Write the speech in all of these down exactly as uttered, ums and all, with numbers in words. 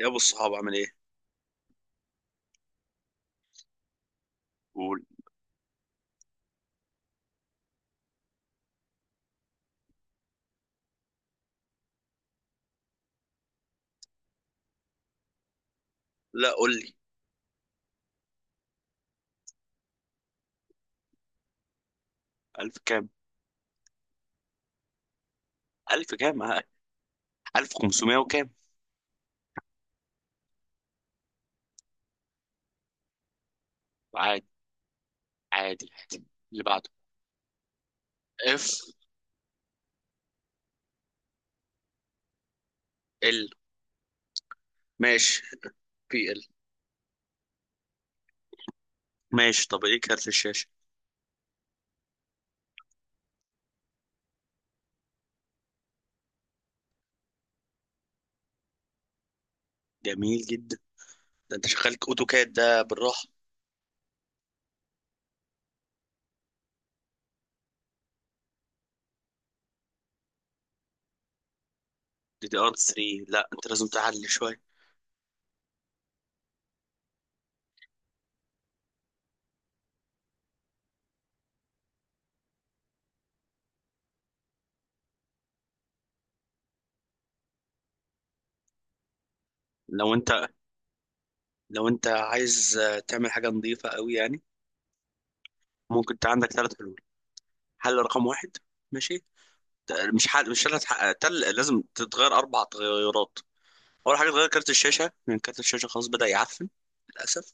يا ابو الصحاب عامل ايه؟ قول. لا قول لي. الف كام؟ الف كام، آه، الف خمسمية وكام؟ عادي. عادي. عادي. اللي بعده. اف. ال. ماشي. بي ال. ماشي. طب ايه كارت الشاشه؟ جميل جدا. ده انت شغالك اوتوكاد ده بالراحه. دي دي ار ثلاثة. لا انت لازم تعلي شويه. لو انت لو انت عايز آه، تعمل حاجه نظيفه قوي يعني. ممكن انت عندك ثلاث حلول. حل رقم واحد. ماشي. ت- مش حل مش ثلاث تل لازم تتغير اربع تغيرات. اول حاجه اتغير كارت الشاشه لان كارت الشاشه خلاص بدا يعفن للاسف.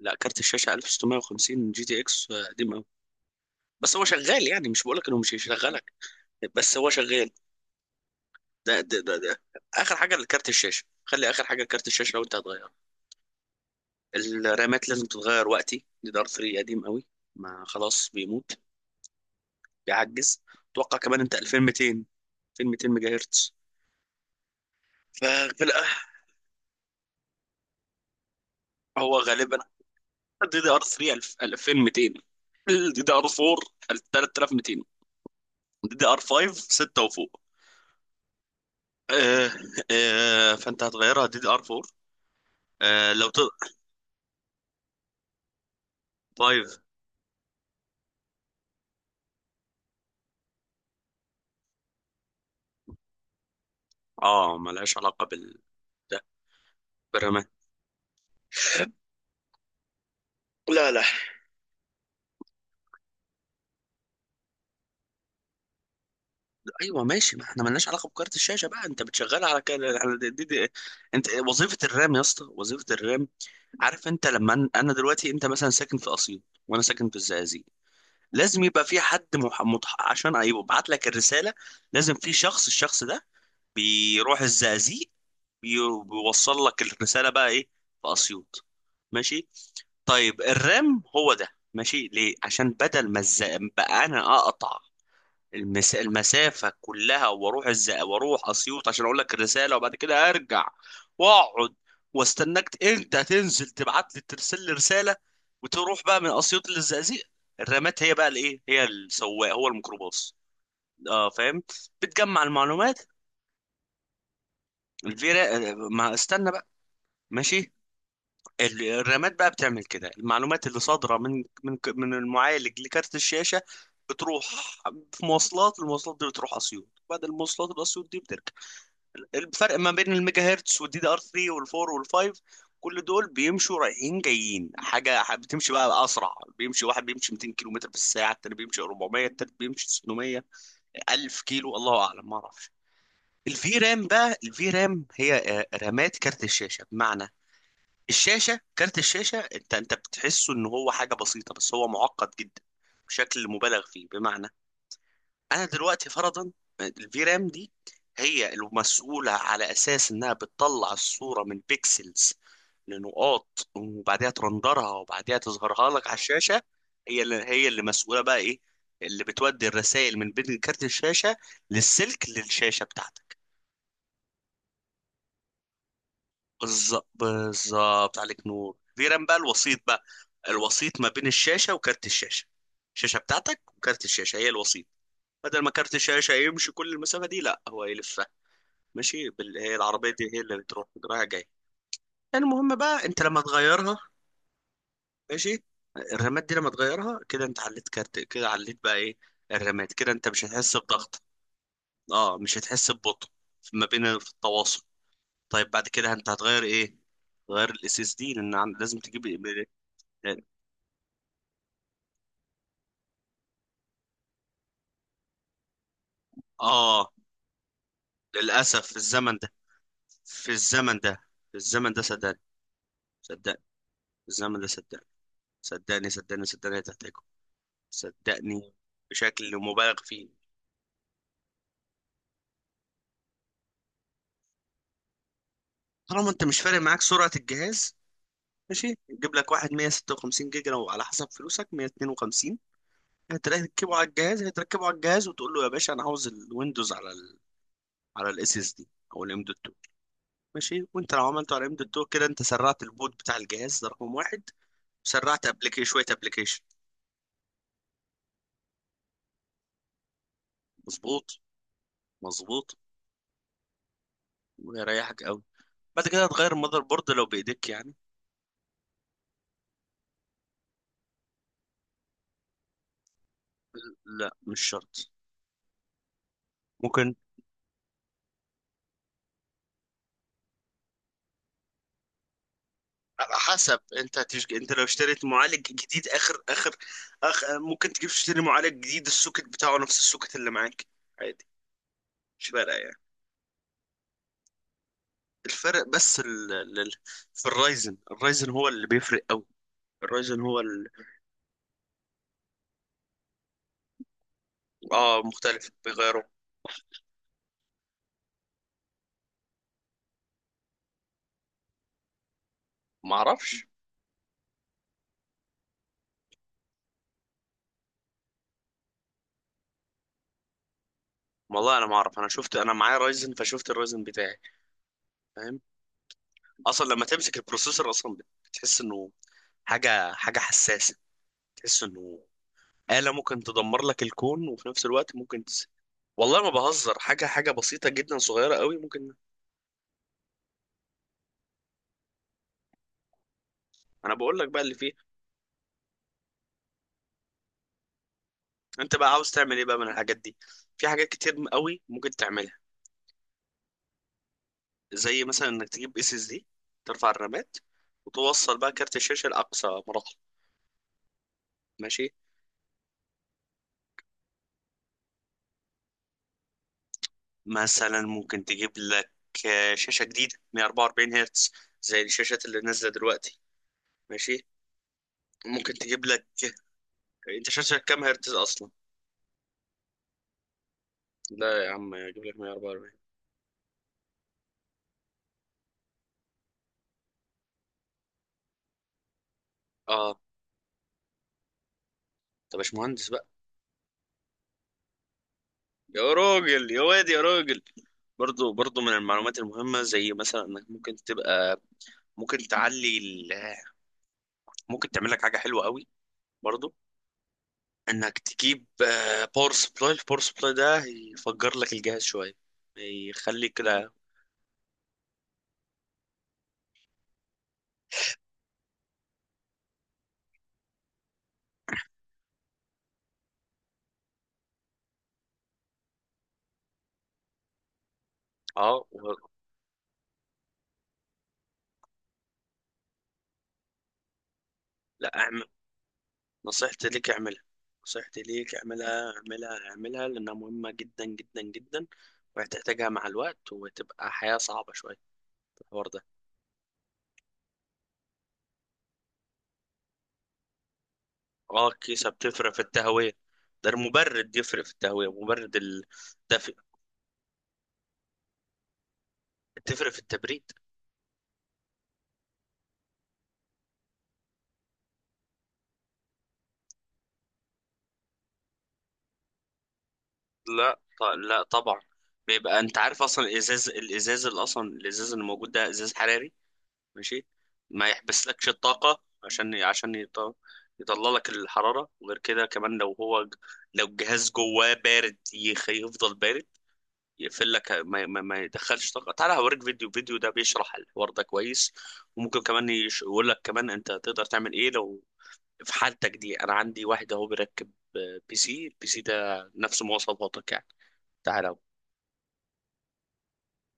لا كارت الشاشه ألف وستمية وخمسين جي تي اكس آه، قديم قوي. بس هو شغال يعني، مش بقولك انه مش هيشغلك، بس هو شغال. ده ده ده, ده. اخر حاجه لكارت الشاشه، خلي اخر حاجه كارت الشاشه لو انت هتغيره. الرامات لازم تتغير، وقتي دي دار ثلاثة قديم قوي. ما خلاص بيموت. بيعجز. اتوقع كمان انت ألفين ومئتين. ألفين ومئتين ميجا هرتز. ففي الأ- هو غالبا دي دي ار ثلاثة ألفين ومئتين، الدي دي ار أربعة ثلاثة آلاف ومئتين، دي دي ار خمسة ستة وفوق. آه. آه فانت هتغيرها دي دي ار أربعة آه لو تقدر. خمسة. اه ملهاش علاقه بال، ده برمان. لا لا، ايوه ماشي، ما احنا ملناش علاقه بكارت الشاشه بقى. انت بتشغلها على كده على دي دي دي. انت وظيفه الرام يا اسطى، وظيفه الرام. عارف انت لما أن- انا دلوقتي، انت مثلا ساكن في اسيوط وانا ساكن في الزقازيق. لازم يبقى في حد مح... متح... عشان يبعت لك الرساله. لازم في شخص، الشخص ده بيروح الزقازيق، بي- بيوصل لك الرسالة بقى ايه في اسيوط. ماشي. طيب الرام هو ده. ماشي. ليه؟ عشان بدل ما الز... بقى انا اقطع المس... المسافة كلها واروح الز... واروح اسيوط عشان اقول لك الرسالة وبعد كده ارجع واقعد واستناك انت تنزل تبعت لي، ترسل لي رسالة، وتروح بقى من اسيوط للزقازيق. الرامات هي بقى الايه، هي السواق، هو الميكروباص. اه فاهم. بتجمع المعلومات. الفيرا آه، ما استنى بقى. ماشي. ال- الرامات بقى بتعمل كده، المعلومات اللي صادره من من ك- من المعالج لكارت الشاشه بتروح في مواصلات. المواصلات دي بتروح اسيوط، بعد المواصلات الاسيوط دي بترجع. الفرق ما بين الميجا هرتز والدي دي ار ثلاثة وال4 وال5، كل دول بيمشوا رايحين جايين. حاجه ح- بتمشي بقى اسرع. بيمشي واحد بيمشي مئتين كيلو متر في الساعه، التاني بيمشي أربعمية، التالت بيمشي ستمية، ألف كيلو. الله اعلم ما اعرفش. الفي رام بقى، الفي رام هي آه، رامات كارت الشاشه. بمعنى الشاشه، كارت الشاشه، انت انت بتحسه ان هو حاجه بسيطه بس هو معقد جدا بشكل مبالغ فيه. بمعنى انا دلوقتي فرضا الفي رام دي هي المسؤوله على اساس انها بتطلع الصوره من بيكسلز لنقاط، وبعدها ترندرها، وبعدها تظهرها لك على الشاشه. هي اللي هي اللي مسؤوله بقى ايه، اللي بتودي الرسائل من بين كارت الشاشه للسلك للشاشه بتاعتك. بالظبط، بالظبط عليك نور. غير بقى الوسيط بقى، الوسيط ما بين الشاشة وكارت الشاشة. الشاشة بتاعتك وكارت الشاشة هي الوسيط. بدل ما كارت الشاشة يمشي كل المسافة دي، لا هو يلفها. ماشي. بال... هي العربية دي هي اللي بتروح رايحة جاية. المهم بقى انت لما تغيرها، ماشي، الرامات دي لما تغيرها كده انت عليت كارت، كده عليت بقى ايه، الرامات. كده انت مش هتحس بضغط. اه، مش هتحس ببطء ما بين في التواصل. طيب بعد كده انت هتغير ايه؟ غير الاس اس دي لان عن- لازم تجيب. اه. للاسف، في الزمن ده، في الزمن ده، في الزمن ده صدقني، صدقني، في الزمن ده صدقني، صدقني صدقني صدقني هتحتاجه، صدقني، بشكل مبالغ فيه. طالما انت مش فارق معاك سرعه الجهاز، ماشي، جيب لك واحد مية وستة وخمسين جيجا، لو على حسب فلوسك مية واتنين وخمسين. هتركبه على الجهاز، هتركبه على الجهاز وتقول له يا باشا انا عاوز الويندوز على ال، على الاس اس دي او الام دوت اتنين. ماشي. وانت لو عملته على ام دوت اتنين كده انت سرعت البوت بتاع الجهاز، ده رقم واحد. سرعت ابلكيشن شويه، ابلكيشن. مظبوط. مظبوط. ويريحك قوي. بعد كده هتغير المذر بورد لو بايديك يعني. لا مش شرط. ممكن. على حسب انت هتشج... انت لو اشتريت معالج جديد اخر اخر اخ ممكن تجيب تشتري معالج جديد، السوكت بتاعه نفس السوكت اللي معاك، عادي، مش فارقه يعني. الفرق بس ال... ال... ال- في الرايزن، الرايزن هو اللي بيفرق قوي. الرايزن هو ال... اه مختلف بيغيره. ما اعرفش. والله انا ما اعرف، انا شفت، انا معايا رايزن فشفت الرايزن بتاعي. فاهم؟ اصلا لما تمسك البروسيسور اصلا بتحس انه حاجه، حاجه حساسه. تحس انه آلة ممكن تدمر لك الكون، وفي نفس الوقت ممكن تس... والله ما بهزر. حاجه حاجه بسيطه جدا، صغيره قوي ممكن. انا بقول لك بقى اللي فيه. انت بقى عاوز تعمل ايه بقى من الحاجات دي؟ في حاجات كتير قوي ممكن تعملها. زي مثلا انك تجيب اس اس دي، ترفع الرامات، وتوصل بقى كارت الشاشه لاقصى مراحل. ماشي. مثلا ممكن تجيب لك آه، شاشه جديده مية وأربعة وأربعين هرتز، زي الشاشات اللي نازله دلوقتي. ماشي. ممكن تجيب لك، انت شاشتك كام هرتز اصلا؟ لا يا عم اجيب لك مية وأربعة وأربعين. اه. طب مش مهندس بقى. يا راجل، يا واد، يا راجل. برضو، برضو من المعلومات المهمة، زي مثلا انك ممكن تبقى، ممكن تعلي ال... ممكن تعمل لك حاجة حلوة قوي برضو، انك تجيب باور سبلاي. الباور سبلاي ده يفجر لك الجهاز شوية، يخليك كده. اه و... لا، نصيحتي ليك اعملها. نصيحتي ليك اعملها، اعملها، اعملها، لأنها مهمة جدا جدا جدا. وهتحتاجها مع الوقت، وتبقى حياة صعبة شوية في الحوار ده. اه الكيسة بتفرق في التهوية. ده المبرد يفرق في التهوية، مبرد الدفء. تفرق في التبريد. لا ط- لا طبعا. بيبقى انت عارف اصلا الازاز الازاز اللي اصلا الازاز اللي موجود ده ازاز حراري. ماشي. ما يحبسلكش الطاقة عشان عشان يط- يطلع لك الحرارة. وغير كده كمان لو هو ج- لو الجهاز جواه بارد يخ- يفضل بارد، يقفل لك ما, ما, ما يدخلش طاقة. تعالى هوريك فيديو، فيديو ده بيشرح الحوار ده كويس. وممكن كمان يش- يقول لك كمان انت تقدر تعمل ايه لو في حالتك دي. انا عندي واحد اهو بيركب آه، بي سي، البي سي ده نفس مواصفاتك يعني. تعالى.